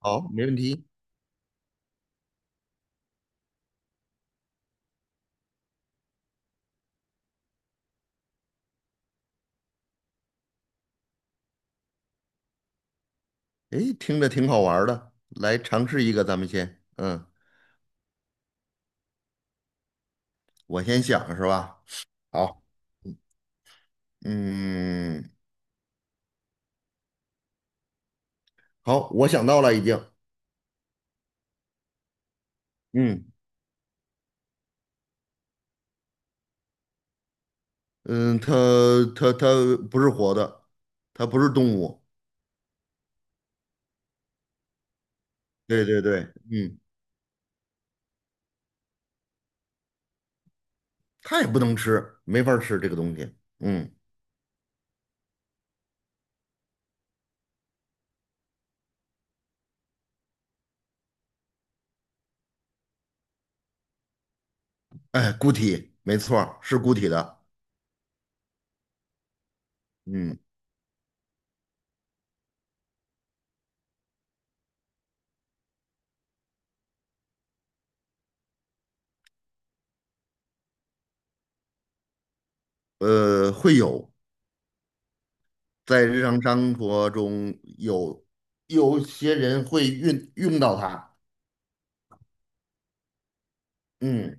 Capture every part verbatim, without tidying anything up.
好，没问题。诶，听着挺好玩儿的，来尝试一个，咱们先，嗯，我先想是吧？好。嗯，好，我想到了已经。嗯嗯，它它它不是活的，它不是动物。对对对。嗯，它也不能吃，没法儿吃这个东西。嗯。哎，固体，没错儿是固体的。嗯，呃，会有，在日常生活中有，有些人会用用到它。嗯。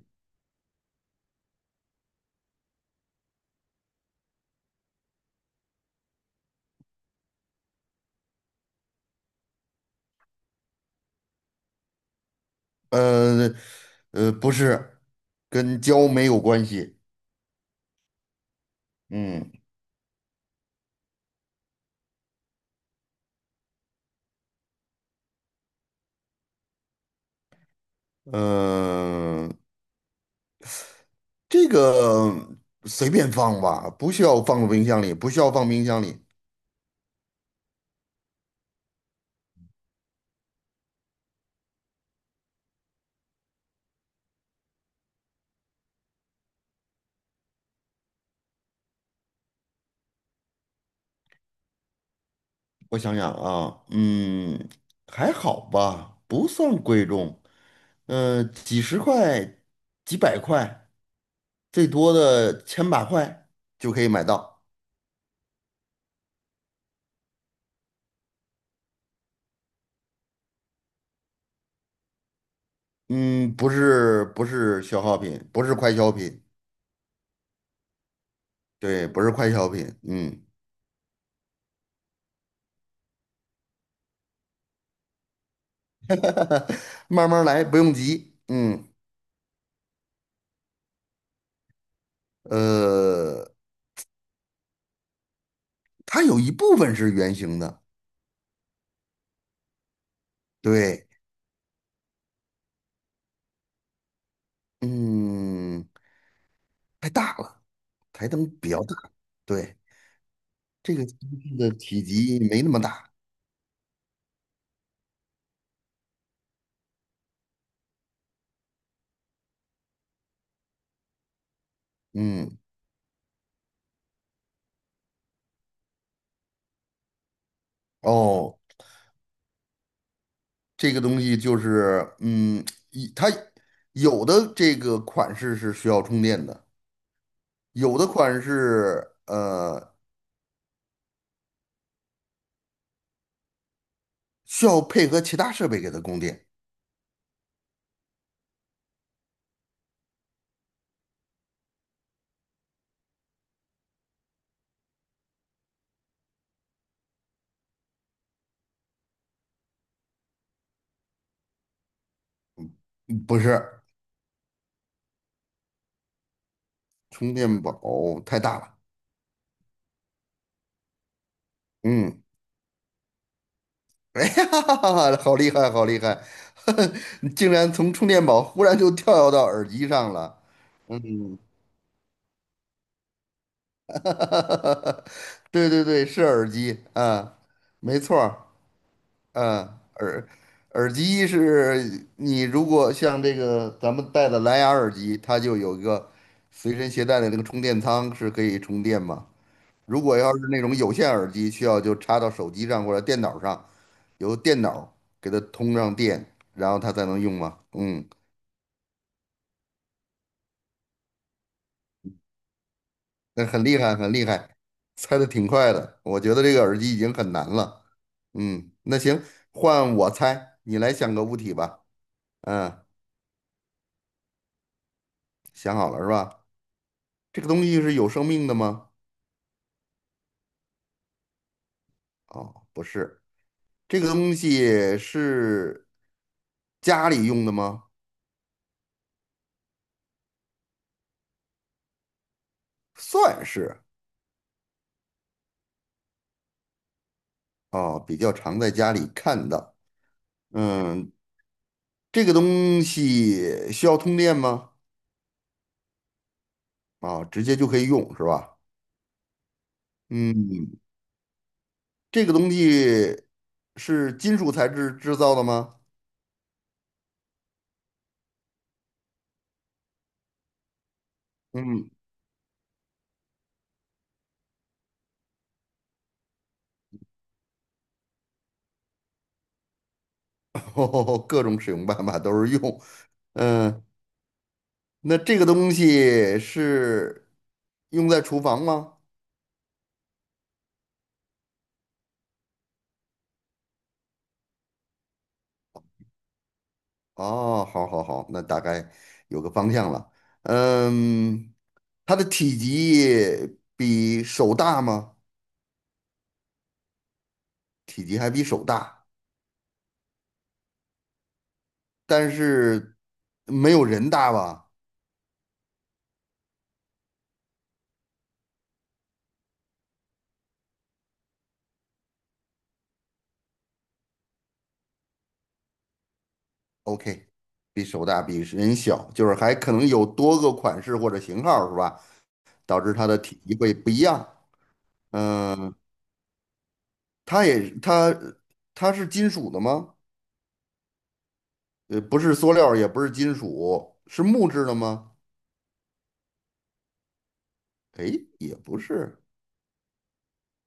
呃呃，不是，跟胶没有关系。嗯嗯、呃，这个随便放吧，不需要放冰箱里，不需要放冰箱里。我想想啊，嗯，还好吧，不算贵重。嗯，几十块、几百块，最多的千把块就可以买到。嗯，不是不是消耗品，不是快消品。对，不是快消品。嗯。慢慢来，不用急。嗯，呃，它有一部分是圆形的。对。嗯，太大了，台灯比较大。对，这个机器的体积没那么大。嗯，哦，这个东西就是，嗯，一它有的这个款式是需要充电的，有的款式呃需要配合其他设备给它供电。不是，充电宝太大了。嗯。哎呀，好厉害，好厉害！你竟然从充电宝忽然就跳跃到耳机上了。对对对，是耳机，啊，没错儿。嗯，耳耳机是你如果像这个咱们戴的蓝牙耳机，它就有一个随身携带的那个充电仓是可以充电吗？如果要是那种有线耳机，需要就插到手机上或者电脑上，由电脑给它通上电，然后它才能用吗？嗯。那很厉害，很厉害，猜的挺快的。我觉得这个耳机已经很难了。嗯，那行，换我猜，你来想个物体吧。嗯，想好了是吧？这个东西是有生命的吗？哦，不是。这个东西是家里用的吗？算是。哦，比较常在家里看到。嗯，这个东西需要通电吗？啊、直接就可以用是吧？嗯，这个东西是金属材质制造的吗？嗯。哦，各种使用办法都是用。嗯，那这个东西是用在厨房吗？哦，好好好，那大概有个方向了。嗯，它的体积比手大吗？体积还比手大，但是没有人大吧？OK，比手大，比人小，就是还可能有多个款式或者型号，是吧？导致它的体积会不一样。嗯、它也它它是金属的吗？呃，不是塑料，也不是金属，是木质的吗？哎，也不是。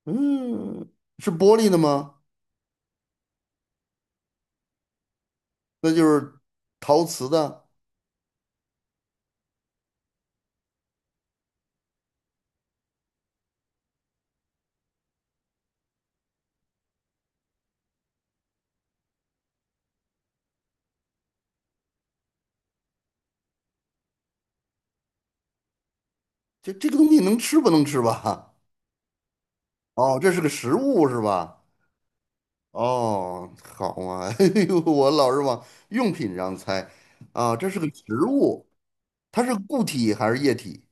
嗯，是玻璃的吗？那就是陶瓷的。这这个东西能吃不能吃吧？哦，这是个食物是吧？哦，好嘛。哎呦，我老是往用品上猜啊，这是个植物，它是固体还是液体？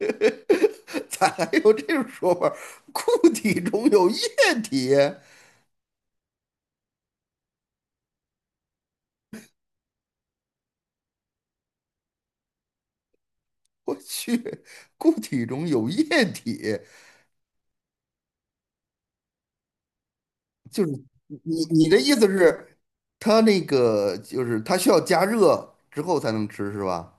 咋还有这种说法儿，固体中有液体。我去，固体中有液体，就是你你的意思是，它那个就是它需要加热之后才能吃是吧？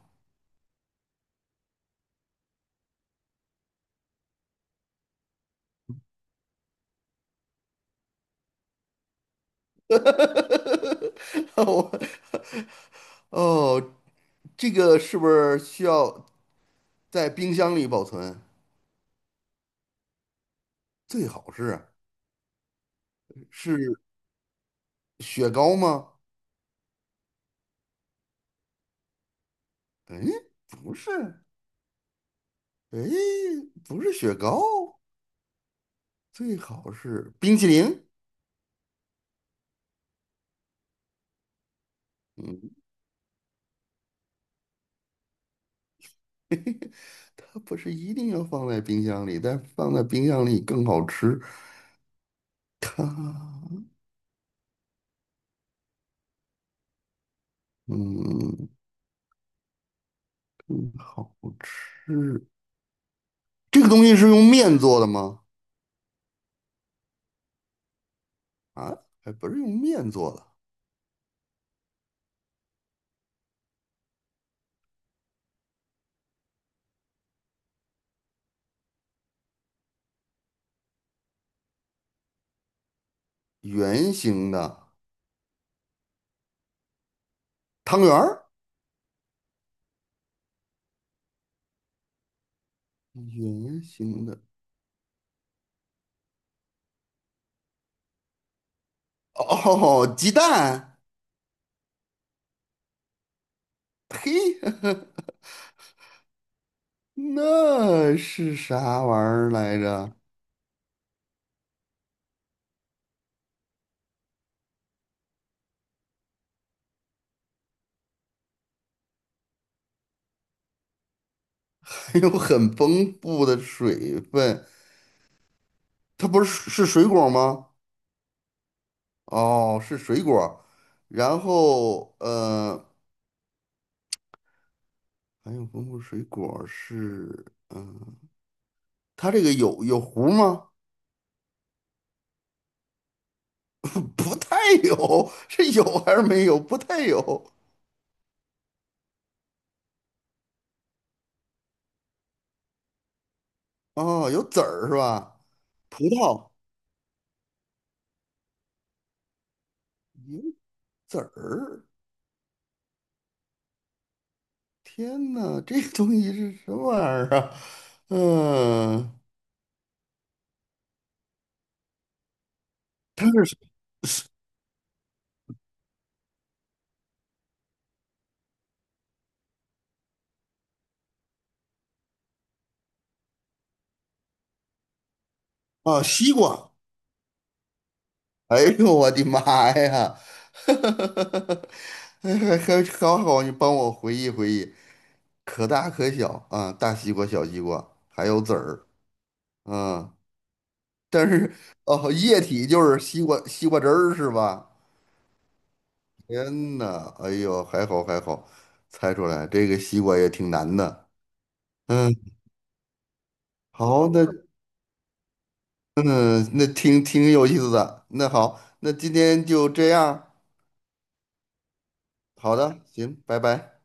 我哦，这个是不是需要在冰箱里保存？最好是。是雪糕吗？哎，不是。哎，不是雪糕。最好是冰淇淋。嗯，它不是一定要放在冰箱里，但放在冰箱里更好吃。它，嗯，更好吃。这个东西是用面做的吗？啊，还不是用面做的。圆形的，汤圆儿，圆形的。哦，鸡蛋。嘿。那是啥玩意儿来着？还有很丰富的水分，它不是是水果吗？哦，是水果儿，然后呃，还有丰富水果儿是，它这个有，有核儿吗？不不太有，是有还是没有？不太有。哦，有籽儿是吧？葡萄有籽儿，天呐，这个东西是什么玩意儿啊？嗯、它是啊，西瓜。哎呦，我的妈呀！还还还好好，你帮我回忆回忆。可大可小啊，大西瓜、小西瓜，还有籽儿啊。但是哦，液体就是西瓜西瓜汁儿是吧？天呐，哎呦，还好还好，猜出来这个西瓜也挺难的。嗯，好，那，嗯，那挺挺有意思的。那好，那今天就这样。好的，行，拜拜。